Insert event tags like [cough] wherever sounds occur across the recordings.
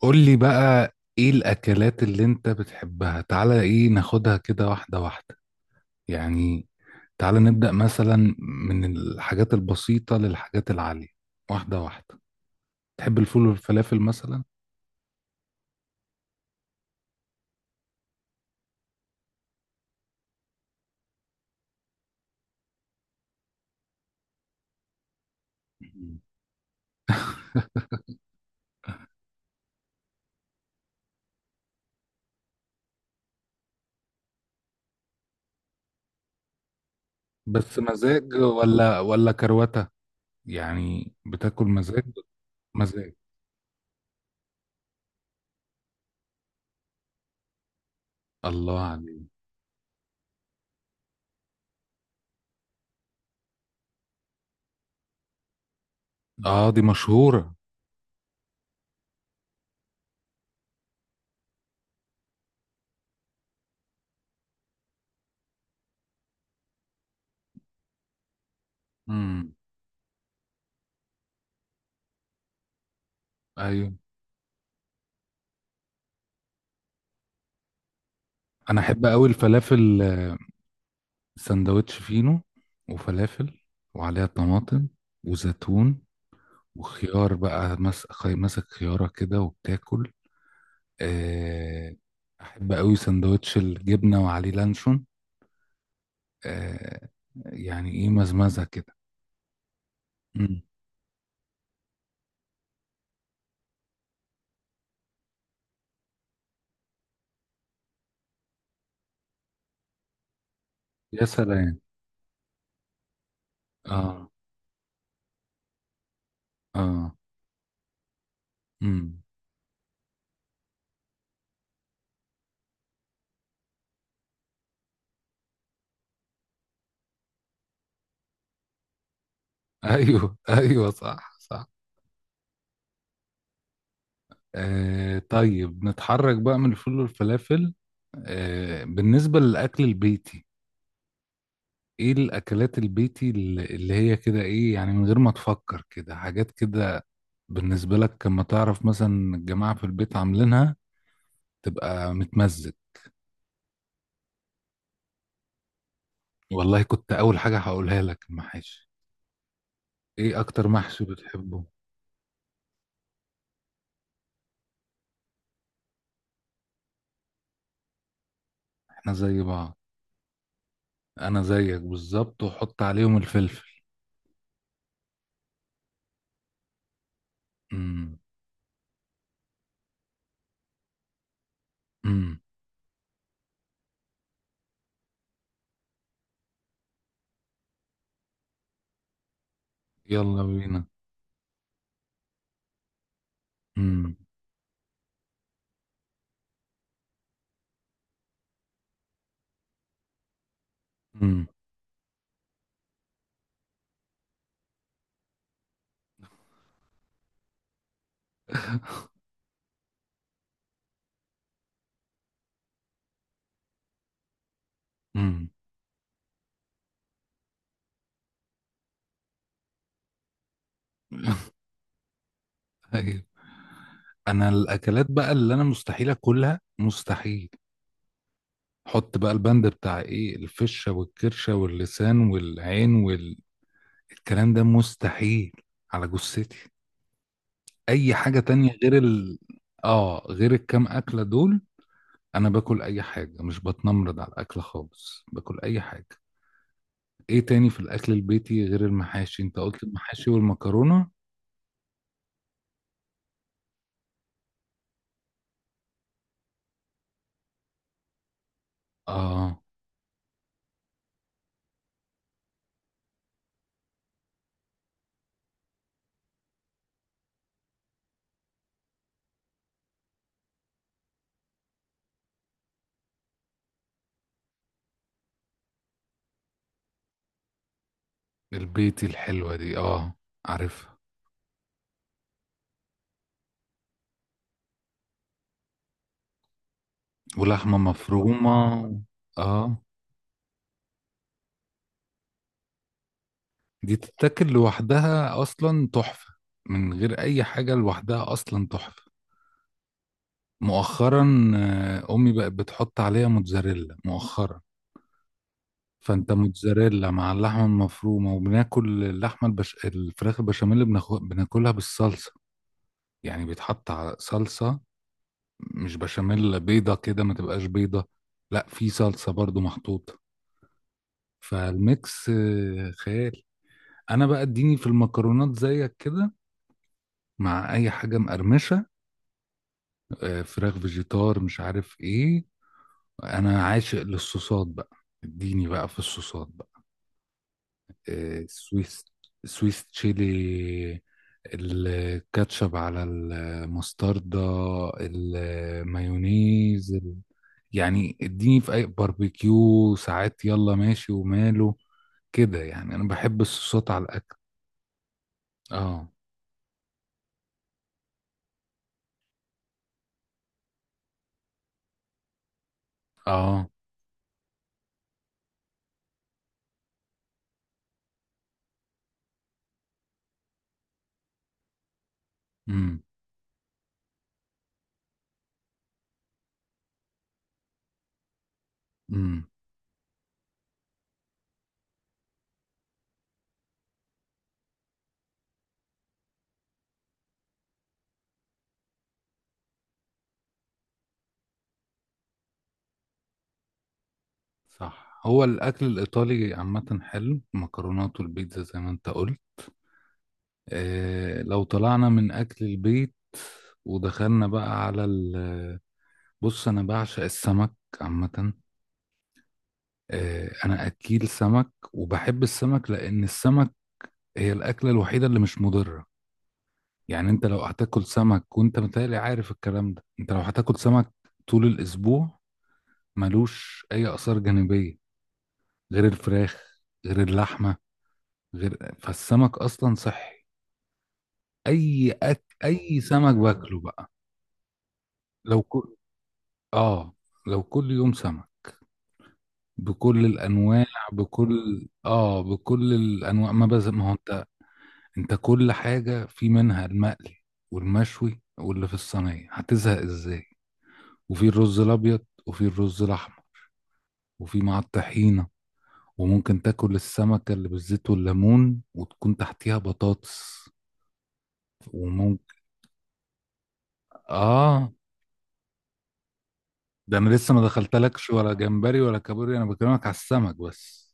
قول لي بقى ايه الاكلات اللي انت بتحبها؟ تعالى ايه ناخدها كده واحدة واحدة، يعني تعالى نبدأ مثلا من الحاجات البسيطة للحاجات العالية، واحدة واحدة. تحب الفول والفلافل مثلا؟ مم. بس مزاج ولا كروتة؟ يعني بتاكل مزاج؟ مزاج. الله عليك. اه، دي مشهورة. امم. ايوه. انا احب قوي الفلافل، سندوتش فينو وفلافل وعليها طماطم وزيتون وخيار بقى، ماسك خيارة كده وبتاكل، آه. أحب أوي سندوتش الجبنة وعليه لانشون، آه، يعني إيه، مزمزة كده. مم. يا سلام. آه. آه. مم. أيوه [laughs] أيوه، صح صح. طيب نتحرك بقى من الفول والفلافل. بالنسبة للأكل البيتي، ايه الاكلات البيتي اللي هي كده ايه يعني، من غير ما تفكر كده حاجات كده، بالنسبة لك لما تعرف مثلا الجماعة في البيت عاملينها تبقى متمزج. والله كنت اول حاجة هقولها لك المحاشي. ايه اكتر محشي بتحبه؟ احنا زي بعض. انا زيك بالظبط، وحط عليهم الفلفل. امم امم. يلا بينا. امم. امم. امم. [laughs] ايوه. انا الاكلات بقى اللي انا مستحيل اكلها، مستحيل، حط بقى البند بتاع ايه، الفشة والكرشة واللسان والعين والكلام ده، مستحيل، على جثتي. اي حاجة تانية غير ال اه، غير الكام اكلة دول. انا باكل اي حاجة، مش بتنمرض على الاكل خالص، باكل اي حاجة. ايه تاني في الاكل البيتي غير المحاشي؟ انت قلت المحاشي والمكرونة. اه، البيتي الحلوة دي، اه، عارفها. ولحمة مفرومة. اه. دي تتاكل لوحدها اصلا، تحفة، من غير اي حاجة، لوحدها اصلا تحفة. مؤخرا، امي بقت بتحط عليها موتزاريلا مؤخرا، فانت موتزاريلا مع اللحمة المفرومة. وبناكل اللحمة الفراخ البشاميل بناكلها بالصلصة، يعني بيتحط على صلصة، مش بشاميل بيضة كده، ما تبقاش بيضة، لا في صلصة برضو محطوطة، فالميكس خيال. انا بقى اديني في المكرونات زيك كده، مع اي حاجة مقرمشة، فراخ، فيجيتار، مش عارف ايه. انا عاشق للصوصات بقى، اديني بقى في الصوصات بقى، سويس، سويس تشيلي، الكاتشب على المستردة، المايونيز يعني اديني في اي باربيكيو، ساعات يلا ماشي وماله، كده يعني انا بحب الصوصات على الاكل. اه. اه. امم. امم. صح. هو الاكل الايطالي عامه حلو، مكرونات والبيتزا زي ما انت قلت. لو طلعنا من أكل البيت ودخلنا بقى على بص، أنا بعشق السمك عامة. أنا أكيل سمك، وبحب السمك لأن السمك هي الأكلة الوحيدة اللي مش مضرة، يعني أنت لو هتاكل سمك، وأنت متهيألي عارف الكلام ده، أنت لو هتاكل سمك طول الأسبوع، ملوش أي آثار جانبية، غير الفراخ، غير اللحمة، غير، فالسمك أصلا صحي. أي سمك باكله بقى. لو ك... اه، لو كل يوم سمك، بكل الانواع، بكل الانواع، ما هو انت، انت كل حاجه في منها، المقلي والمشوي واللي في الصينيه، هتزهق ازاي، وفي الرز الابيض، وفي الرز الاحمر، وفي مع الطحينه، وممكن تاكل السمكه اللي بالزيت والليمون وتكون تحتيها بطاطس، وممكن. اه، ده انا لسه ما دخلتلكش ولا جمبري ولا كابوري، انا بكلمك على السمك بس.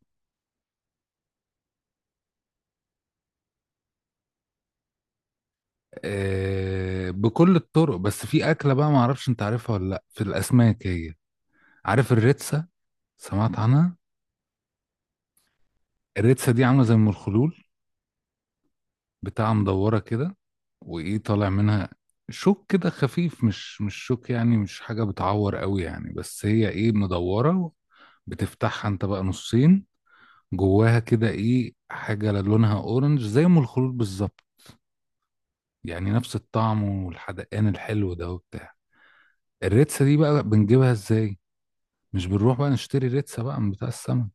بكل الطرق، بس في أكلة بقى معرفش أنت عارفها ولا لأ في الأسماك، هي، عارف الريتسا؟ سمعت عنها؟ الريتسا دي عاملة زي المرخلول بتاعة، مدورة كده، وإيه طالع منها؟ شوك كده خفيف، مش شوك يعني، مش حاجة بتعور قوي يعني، بس هي إيه، مدورة. بتفتحها أنت بقى نصين، جواها كده إيه، حاجة لونها أورنج زي أم الخلول بالظبط، يعني نفس الطعم والحدقان الحلو ده وبتاع. الريتسا دي بقى بنجيبها إزاي؟ مش بنروح بقى نشتري ريتسا بقى من بتاع السمك،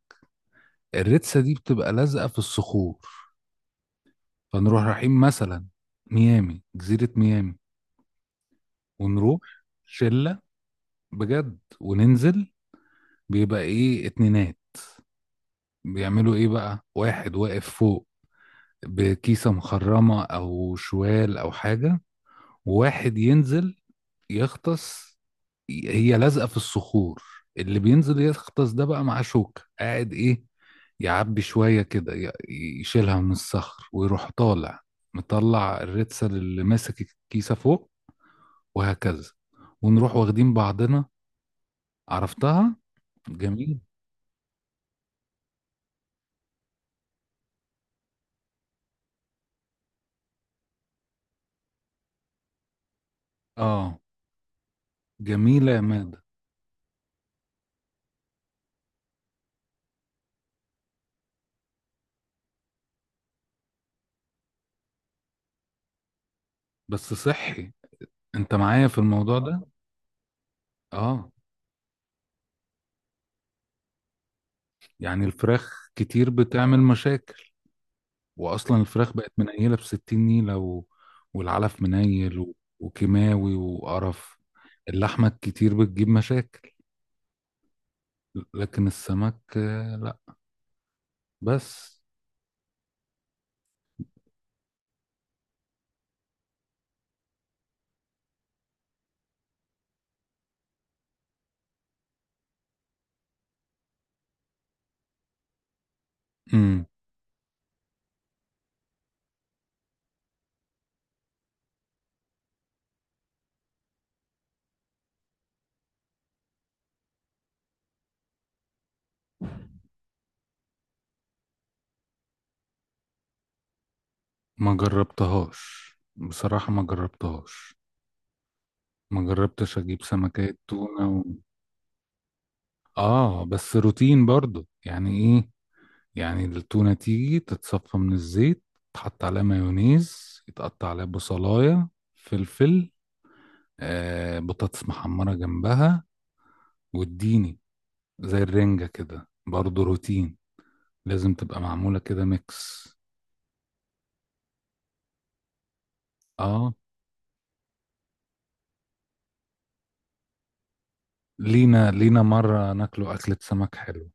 الريتسا دي بتبقى لازقة في الصخور، فنروح رايحين مثلا ميامي، جزيرة ميامي، ونروح شلة بجد، وننزل، بيبقى ايه، اتنينات، بيعملوا ايه بقى، واحد واقف فوق بكيسة مخرمة او شوال او حاجة، وواحد ينزل يغطس، هي لازقة في الصخور، اللي بينزل يغطس ده بقى معاه شوكة، قاعد ايه، يعبي شوية كده، يشيلها من الصخر ويروح طالع، مطلع الريتسل اللي ماسك الكيسة فوق، وهكذا، ونروح واخدين بعضنا. عرفتها. جميل. اه، جميلة يا مادة. بس صحي، انت معايا في الموضوع ده. اه، يعني الفراخ كتير بتعمل مشاكل، واصلا الفراخ بقت منيله بستين نيله، والعلف منيل، وكيماوي وقرف، اللحمه الكتير بتجيب مشاكل، لكن السمك لا. بس. امم. ما جربتهاش بصراحه، ما جربتهاش، ما جربتش اجيب سمكات تونه اه، بس روتين برضو، يعني ايه، يعني التونه تيجي تتصفى من الزيت، تحط عليها مايونيز يتقطع عليها بصلايه، فلفل، بطاطس محمرة جنبها، واديني زي الرنجة كده برضه روتين، لازم تبقى معمولة كده ميكس. اه. لينا مرة ناكله أكلة سمك حلو.